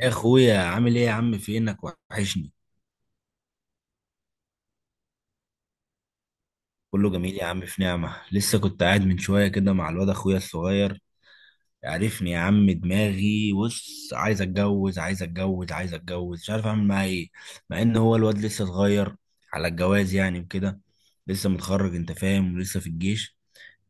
يا اخويا عامل ايه يا عم؟ فينك، وحشني. كله جميل يا عم، في نعمة. لسه كنت قاعد من شوية كده مع الواد اخويا الصغير. عارفني يا عم، دماغي بص عايز اتجوز عايز اتجوز عايز اتجوز، مش عارف اعمل معاه ايه. مع ان هو الواد لسه صغير على الجواز يعني وكده. لسه متخرج انت فاهم، ولسه في الجيش.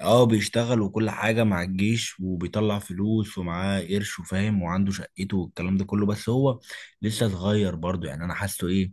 اه بيشتغل وكل حاجة مع الجيش، وبيطلع فلوس ومعاه قرش وفاهم وعنده شقته والكلام ده كله، بس هو لسه صغير برضه. يعني انا حاسه ايه،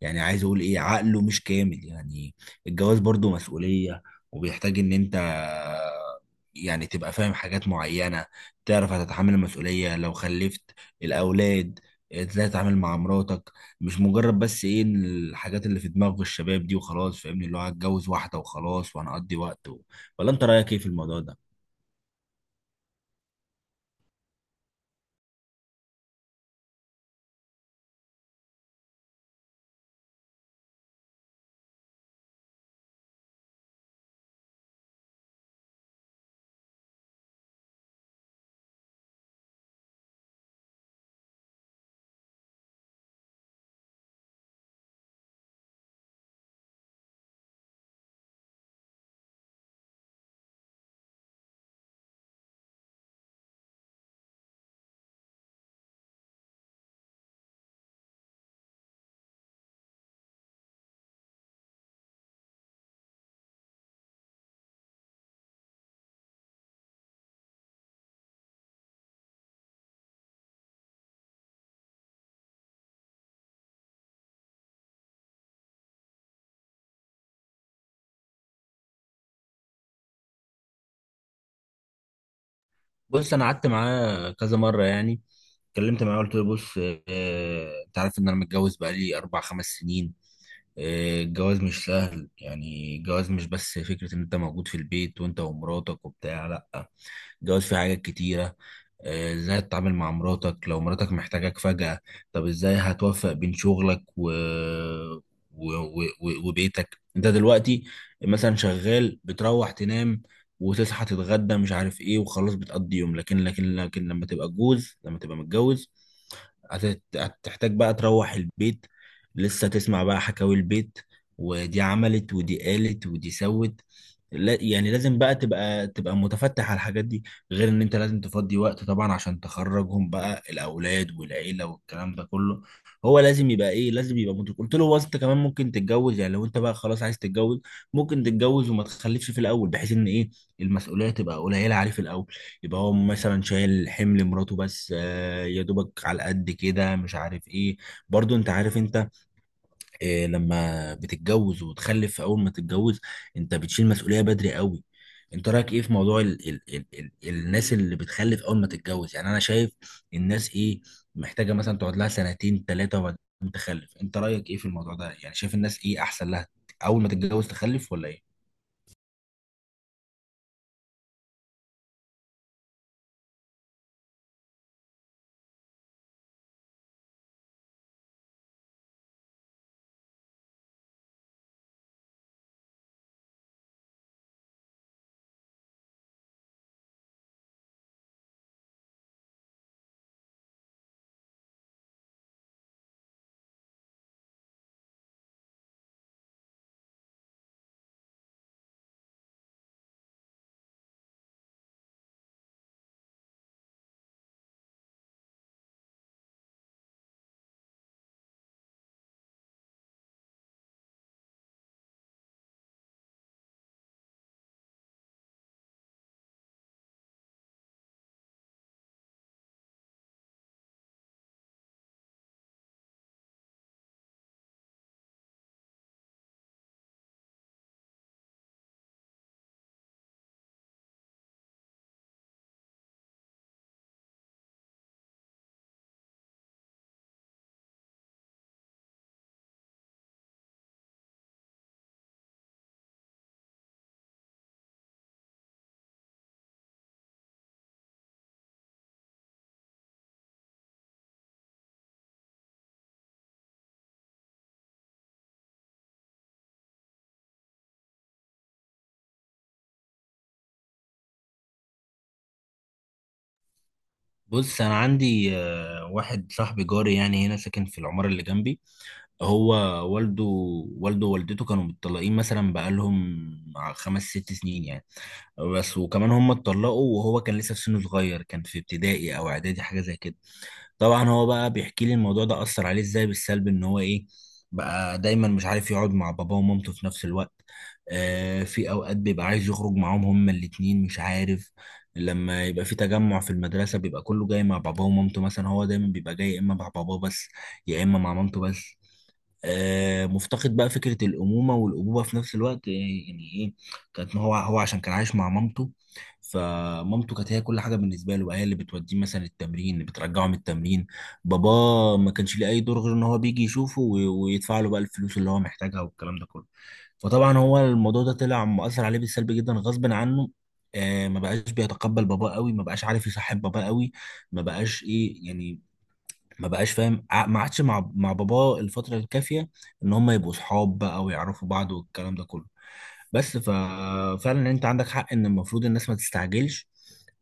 يعني عايز اقول ايه، عقله مش كامل يعني. الجواز برضه مسؤولية، وبيحتاج ان انت يعني تبقى فاهم حاجات معينة، تعرف هتتحمل المسؤولية لو خلفت الأولاد، ازاي تتعامل مع مراتك. مش مجرد بس ايه، إن الحاجات اللي في دماغ الشباب دي وخلاص فاهمني، اللي هو هتجوز واحدة وخلاص وهنقضي وقت. ولا انت رايك ايه في الموضوع ده؟ بص انا قعدت معاه كذا مره يعني، اتكلمت معاه قلت له بص اه انت عارف ان انا متجوز بقالي اربع خمس سنين. اه الجواز مش سهل يعني، الجواز مش بس فكره ان انت موجود في البيت وانت ومراتك وبتاع، لا، الجواز فيه حاجات كتيره. آه، ازاي تتعامل مع مراتك لو مراتك محتاجاك فجأة؟ طب ازاي هتوفق بين شغلك وبيتك انت دلوقتي؟ مثلا شغال بتروح تنام وتصحى تتغدى مش عارف ايه وخلاص بتقضي يوم، لكن لما تبقى جوز، لما تبقى متجوز، هتحتاج بقى تروح البيت لسه تسمع بقى حكاوي البيت، ودي عملت ودي قالت ودي سوت. لا يعني لازم بقى تبقى متفتح على الحاجات دي، غير ان انت لازم تفضي وقت طبعا عشان تخرجهم بقى الاولاد والعيله والكلام ده كله. هو لازم يبقى ايه، لازم يبقى مدرك. قلت له هو انت كمان ممكن تتجوز يعني، لو انت بقى خلاص عايز تتجوز ممكن تتجوز وما تخلفش في الاول، بحيث ان ايه المسؤولية تبقى قليلة عليه في الأول. يبقى هو مثلا شايل حمل مراته بس، آه، يا دوبك على قد كده مش عارف إيه. برضو أنت عارف أنت، آه، لما بتتجوز وتخلف أول ما تتجوز أنت بتشيل مسؤولية بدري قوي. أنت رأيك إيه في موضوع ال ال ال ال الناس اللي بتخلف أول ما تتجوز؟ يعني أنا شايف الناس إيه، محتاجة مثلا تقعد لها سنتين ثلاثة وبعدين تخلف. أنت رأيك إيه في الموضوع ده؟ يعني شايف الناس إيه أحسن لها، أول ما تتجوز تخلف ولا إيه؟ بص انا عندي آه، واحد صاحبي جاري يعني هنا ساكن في العمارة اللي جنبي. هو والده، والده ووالدته كانوا متطلقين مثلا بقالهم خمس ست سنين يعني، بس وكمان هم اتطلقوا وهو كان لسه في سنه صغير، كان في ابتدائي او اعدادي حاجة زي كده. طبعا هو بقى بيحكي لي الموضوع ده اثر عليه ازاي بالسلب، ان هو ايه بقى دايما مش عارف يقعد مع باباه ومامته في نفس الوقت. آه في اوقات بيبقى عايز يخرج معاهم هما الاتنين مش عارف. لما يبقى في تجمع في المدرسة بيبقى كله جاي مع باباه ومامته، مثلا هو دايما بيبقى جاي يا اما مع باباه بس يا اما مع مامته بس. آه، مفتقد بقى فكرة الأمومة والأبوة في نفس الوقت. آه، يعني إيه، كانت هو هو عشان كان عايش مع مامته، فمامته كانت هي كل حاجه بالنسبه له بقى، هي اللي بتوديه مثلا التمرين اللي بترجعه من التمرين. بابا ما كانش ليه اي دور غير ان هو بيجي يشوفه ويدفع له بقى الفلوس اللي هو محتاجها والكلام ده كله. فطبعا هو الموضوع ده طلع مؤثر عليه بالسلب جدا غصب عنه. آه ما بقاش بيتقبل باباه قوي، ما بقاش عارف يصاحب باباه قوي، ما بقاش ايه يعني، ما بقاش فاهم ما عادش مع باباه الفتره الكافيه ان هم يبقوا صحاب بقى ويعرفوا بعض والكلام ده كله. بس ففعلا انت عندك حق ان المفروض الناس ما تستعجلش،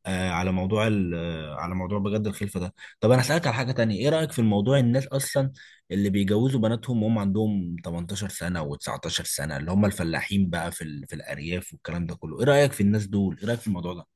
آه، على موضوع آه، على موضوع بجد الخلفه ده. طب انا اسالك على حاجه تانية، ايه رايك في الموضوع الناس اصلا اللي بيجوزوا بناتهم وهم عندهم 18 سنه و19 سنه، اللي هم الفلاحين بقى في في الارياف والكلام ده كله؟ ايه رايك في الناس دول؟ ايه رايك في الموضوع ده؟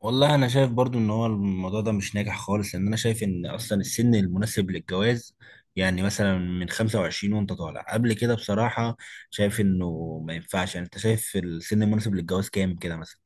والله انا شايف برضو ان هو الموضوع ده مش ناجح خالص، لان انا شايف ان اصلا السن المناسب للجواز يعني مثلا من 25 وانت طالع قبل كده بصراحة. شايف انه ما ينفعش يعني. انت شايف السن المناسب للجواز كام كده مثلا؟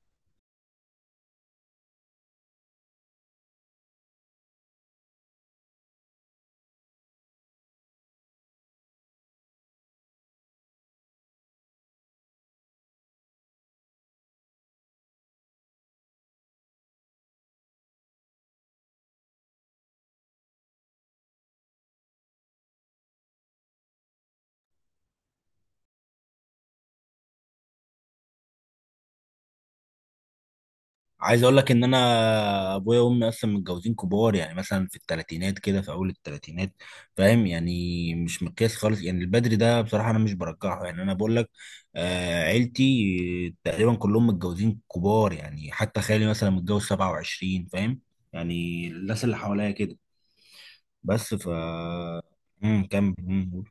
عايز اقول لك ان انا ابويا وامي اصلا متجوزين كبار، يعني مثلا في الثلاثينات كده في اول الثلاثينات، فاهم يعني. مش مقياس خالص يعني البدري ده، بصراحه انا مش برجحه يعني، انا بقول لك. آه عيلتي تقريبا كلهم متجوزين كبار يعني، حتى خالي مثلا متجوز 27 فاهم يعني. الناس اللي حواليا كده، بس ف كمل.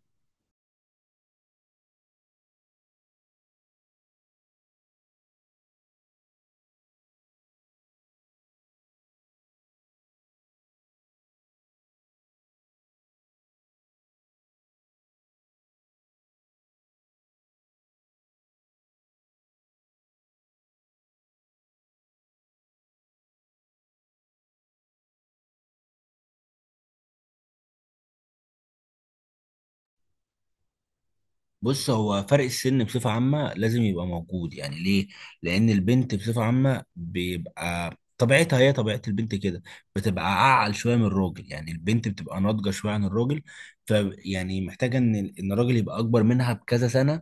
بص هو فرق السن بصفة عامة لازم يبقى موجود يعني. ليه؟ لأن البنت بصفة عامة بيبقى طبيعتها، هي طبيعة البنت كده، بتبقى أعقل شوية من الراجل، يعني البنت بتبقى ناضجة شوية عن الراجل. ف يعني محتاجة إن الراجل يبقى أكبر منها بكذا سنة،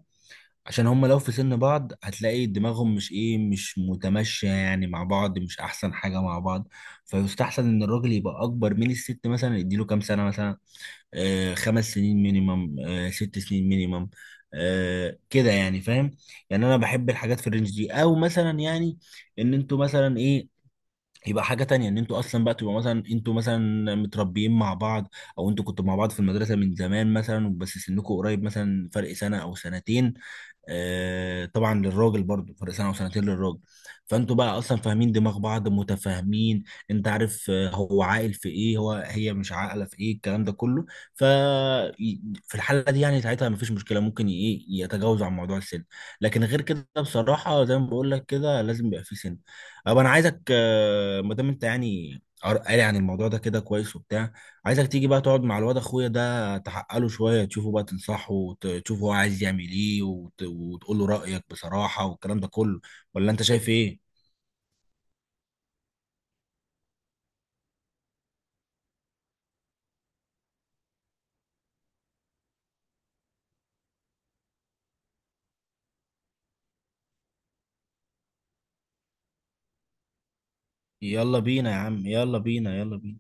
عشان هما لو في سن بعض هتلاقي دماغهم مش إيه، مش متمشية يعني مع بعض، مش أحسن حاجة مع بعض. فيستحسن إن الراجل يبقى أكبر من الست، مثلا يديله كام سنة مثلا، آه، خمس سنين مينيمم، آه، ست سنين مينيمم، آه، كده يعني فاهم. يعني انا بحب الحاجات في الرينج دي، او مثلا يعني ان انتوا مثلا ايه، يبقى حاجة تانية ان انتوا اصلا بقى تبقى مثلا انتوا مثلا متربيين مع بعض، او انتوا كنتوا مع بعض في المدرسة من زمان مثلا بس سنكوا قريب مثلا فرق سنة او سنتين، آه، طبعا للراجل برضو فرق سنه وسنتين للراجل. فانتوا بقى اصلا فاهمين دماغ بعض متفاهمين، انت عارف آه، هو عاقل في ايه هو هي مش عاقله في ايه، الكلام ده كله. ف في الحاله دي يعني ساعتها مفيش مشكله، ممكن ايه يتجاوز عن موضوع السن. لكن غير كده بصراحه زي ما بقول لك كده لازم يبقى في سن. طب انا عايزك آه، ما دام انت يعني قاري عن الموضوع ده كده كويس وبتاع، عايزك تيجي بقى تقعد مع الواد اخويا ده، تحقق له شويه تشوفه بقى تنصحه وتشوفه هو عايز يعمل ايه وتقول له رايك بصراحه والكلام ده كله. ولا انت شايف ايه؟ يلا بينا يا عم، يلا بينا، يلا بينا.